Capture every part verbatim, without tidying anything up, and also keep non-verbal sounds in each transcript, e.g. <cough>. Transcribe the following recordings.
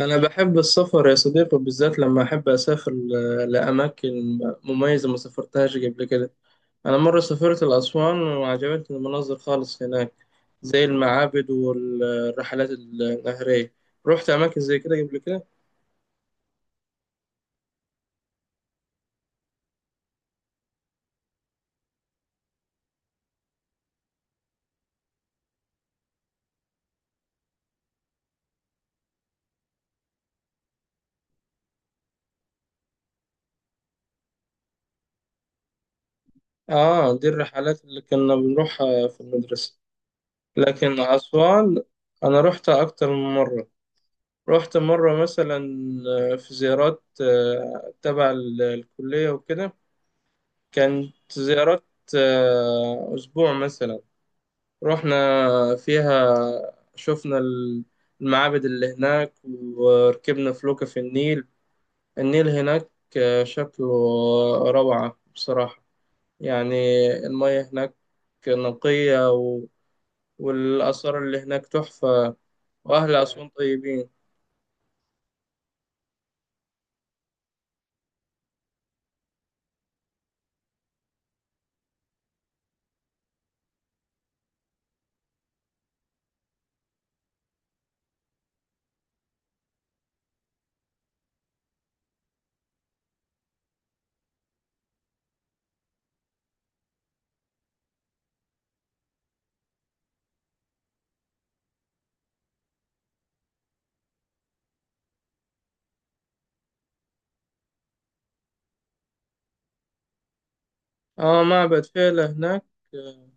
أنا بحب السفر يا صديقي، بالذات لما أحب أسافر ل- لأماكن مميزة ما سافرتهاش قبل كده. أنا مرة سافرت لأسوان وعجبتني المناظر خالص هناك، زي المعابد والرحلات النهرية. رحت أماكن زي كده قبل كده؟ آه، دي الرحلات اللي كنا بنروحها في المدرسة. لكن أسوان أنا رحتها أكتر من مرة. رحت مرة مثلا في زيارات آه، تبع ال- الكلية وكده. كانت زيارات آه، أسبوع مثلا، رحنا فيها. شفنا ال- المعابد اللي هناك وركبنا فلوكة في النيل. النيل هناك آه، شكله روعة بصراحة. يعني المياه هناك نقية و... والآثار اللي هناك تحفة، وأهل معبد أسوان طيبين. آه، معبد فيلة هناك. آه،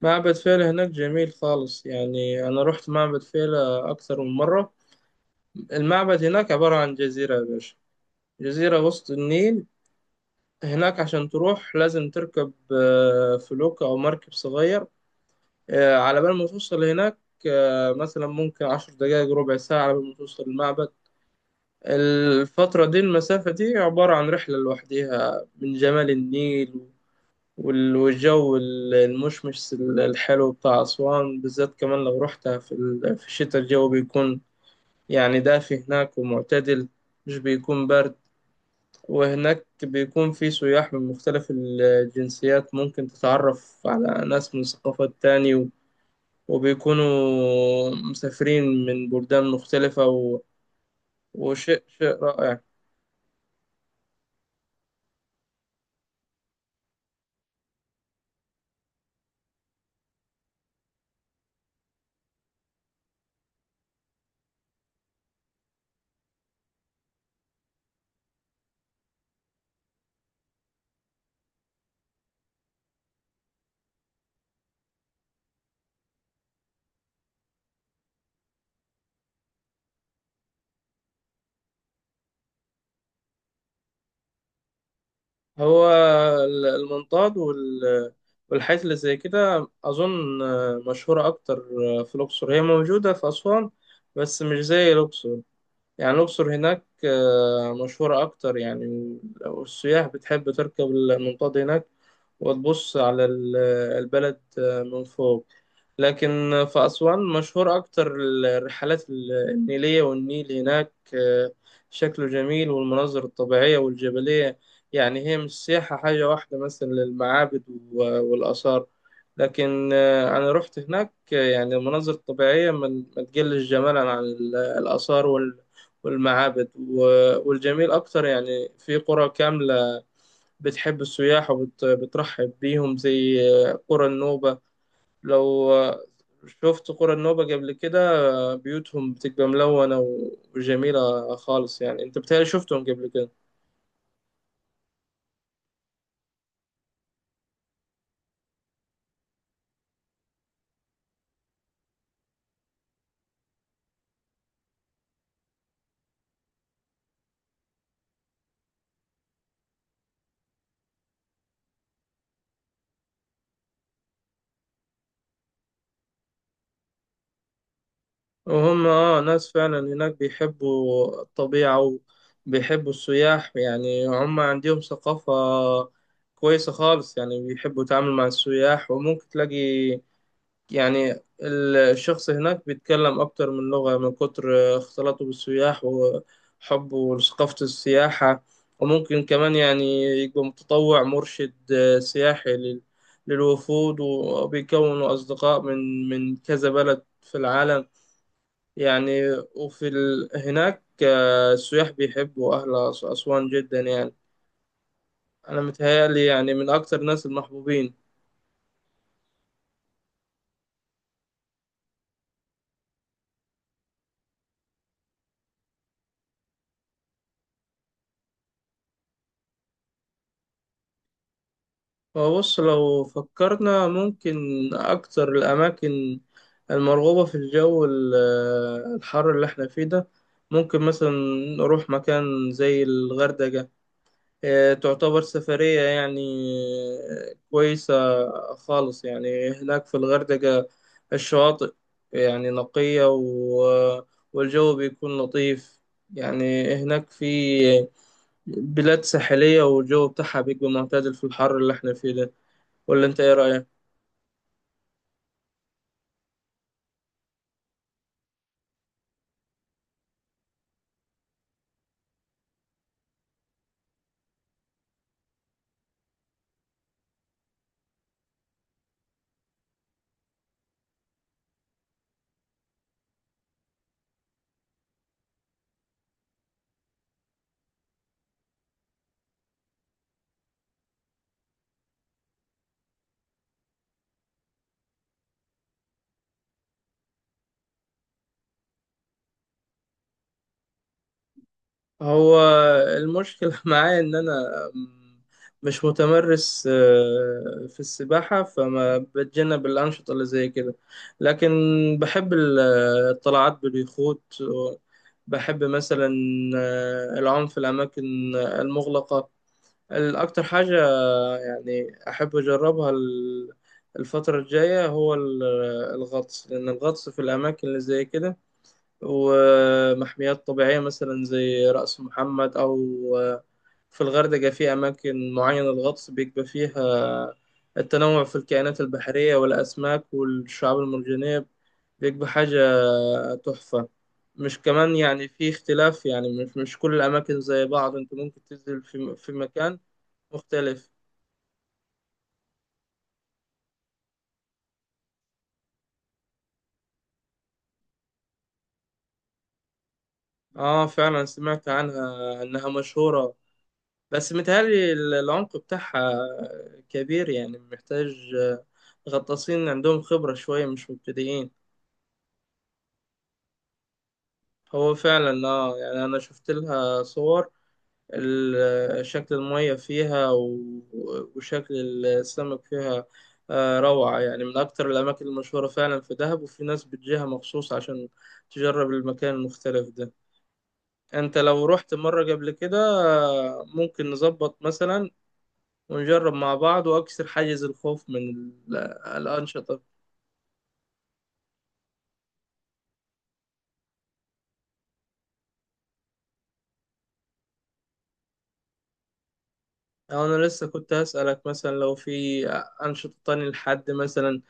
معبد فيلة هناك جميل خالص. يعني أنا رحت معبد فيلة أكثر من مرة. المعبد هناك عبارة عن جزيرة يا باشا، جزيرة وسط النيل. هناك عشان تروح لازم تركب آه، فلوكة أو مركب صغير، آه، على بال ما توصل هناك. آه، مثلا ممكن عشر دقايق ربع ساعة على بال ما توصل المعبد. الفترة دي، المسافة دي عبارة عن رحلة لوحديها من جمال النيل. وال- والجو ال- المشمس الحلو بتاع أسوان، بالذات كمان لو رحتها في ال- في الشتاء الجو بيكون يعني دافي هناك ومعتدل، مش بيكون برد. وهناك بيكون في سياح من مختلف الجنسيات، ممكن تتعرف على ناس من ثقافات تاني و- وبيكونوا مسافرين من بلدان مختلفة و... وشيء شيء رائع. هو ال- المنطاد وال... والحاجات اللي زي كده أظن مشهورة أكتر في الأقصر. هي موجودة في أسوان بس مش زي الأقصر. يعني الأقصر هناك آه، مشهورة أكتر يعني. والسياح بتحب تركب المنطاد هناك وتبص على ال- البلد آه، من فوق. لكن في أسوان مشهور أكتر الرحلات النيلية، والنيل هناك آه، شكله جميل، والمناظر الطبيعية والجبلية. يعني هي مش سياحة حاجة واحدة مثلا للمعابد و- والآثار. لكن آه، أنا رحت هناك آه، يعني المناظر الطبيعية ما ما تقلش جمالا عن ال- الآثار والمعابد و- والجميل أكتر يعني في قرى كاملة بتحب السياح وبترحب بيهم، زي قرى النوبة. لو شفت قرى النوبة قبل كده، بيوتهم بتبقى ملونة وجميلة خالص. يعني أنت بتهيألي شفتهم قبل كده. وهم آه ناس فعلا هناك بيحبوا الطبيعة وبيحبوا السياح. يعني هم عندهم ثقافة كويسة خالص. يعني بيحبوا يتعاملوا مع السياح، وممكن تلاقي يعني الشخص هناك بيتكلم أكتر من لغة من كتر اختلاطه بالسياح وحبه لثقافة السياحة. وممكن كمان يعني يبقى متطوع مرشد آه، سياحي لل- للوفود، وبيكونوا أصدقاء من من كذا بلد في العالم يعني. وفي ال... هناك آه، السياح بيحبوا أهل أس- أسوان جدا. يعني أنا متهيألي يعني من أكتر الناس المحبوبين. هو بص، لو فكرنا ممكن أكتر الأماكن المرغوبة في الجو ال- الحر اللي احنا فيه ده، ممكن مثلا نروح مكان زي الغردقة. آه، تعتبر سفرية يعني آه، كويسة خالص. يعني هناك في الغردقة الشواطئ يعني نقية و- والجو بيكون لطيف. يعني هناك في بلاد ساحلية، والجو بتاعها بيبقى معتدل في الحر اللي احنا فيه ده. قول لي انت ايه رأيك؟ هو المشكلة <laughs> معايا ان انا مش متمرس آه، في السباحة، فما بتجنب الأنشطة اللي زي كده. لكن بحب ال- آه، الطلعات باليخوت. بحب مثلا آه، العوم في الأماكن المغلقة. الأكتر حاجة يعني أحب أجربها ال- الفترة الجاية هو ال- آه، الغطس. لأن الغطس في الأماكن اللي زي كده ومحميات طبيعية مثلا زي رأس محمد، أو آه، في الغردقة، في أماكن معينة الغطس بيبقى فيها آه، التنوع في الكائنات البحرية والأسماك والشعاب المرجانية بيبقى حاجة آه، تحفة. مش كمان يعني في اختلاف، يعني مش مش كل الأماكن زي بعض، أنت ممكن تنزل في في مكان مختلف. آه، فعلا سمعت عنها إنها مشهورة، بس متهيألي ال- العمق بتاعها كبير، يعني محتاج آه، غطاسين عندهم خبرة شوية، مش مبتدئين. هو فعلا اه، يعني أنا شفت لها صور ال- آه، شكل المية فيها و- وشكل السمك فيها آه، روعة. يعني من أكتر الأماكن المشهورة فعلا في دهب، وفي ناس بتجيها مخصوص عشان تجرب المكان المختلف ده. أنت لو رحت مرة قبل كده آه، ممكن نظبط مثلا ونجرب مع بعض وأكسر حاجز الخوف من ال- الأنشطة. أو أنا لسه كنت هسألك مثلا لو في أنشطة تانية لحد مثلا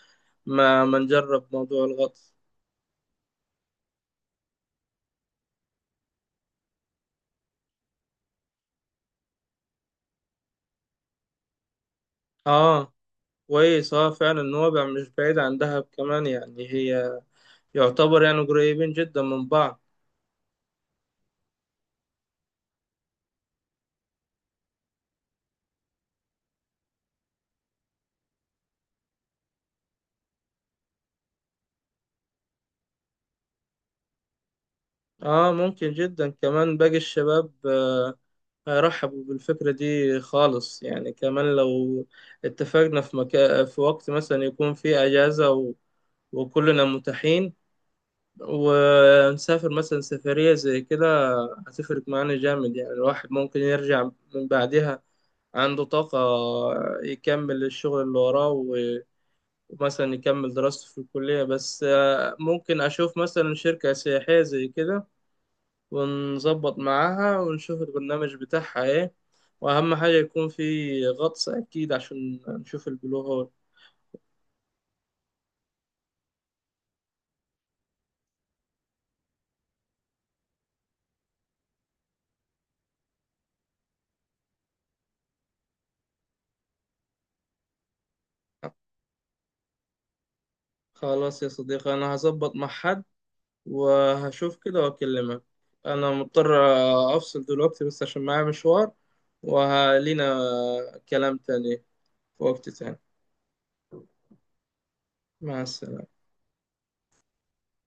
ما ما نجرب موضوع الغطس. آه كويس. آه فعلا، نوابع مش بعيد عن دهب كمان، يعني هي يعتبر يعني قريبين جدا من بعض. آه، ممكن جدا. كمان باقي الشباب آه هيرحبوا بالفكرة دي خالص. يعني كمان لو اتفقنا في مكان، في وقت مثلا يكون فيه أجازة و... وكلنا متاحين، ونسافر مثلا سفرية زي كده، هتفرق معانا جامد. يعني الواحد ممكن يرجع من بعدها عنده طاقة يكمل الشغل اللي وراه و- ومثلا يكمل دراسته في الكلية. بس آه، ممكن أشوف مثلا شركة سياحية زي كده ونظبط معاها ونشوف البرنامج بتاعها إيه، وأهم حاجة يكون في غطس أكيد عشان نشوف البلو هول. خلاص يا صديقي، أنا هظبط مع حد وهشوف كده واكلمك. انا مضطر افصل دلوقتي بس عشان معايا مشوار، وهلينا كلام تاني في وقت تاني. مع السلامة.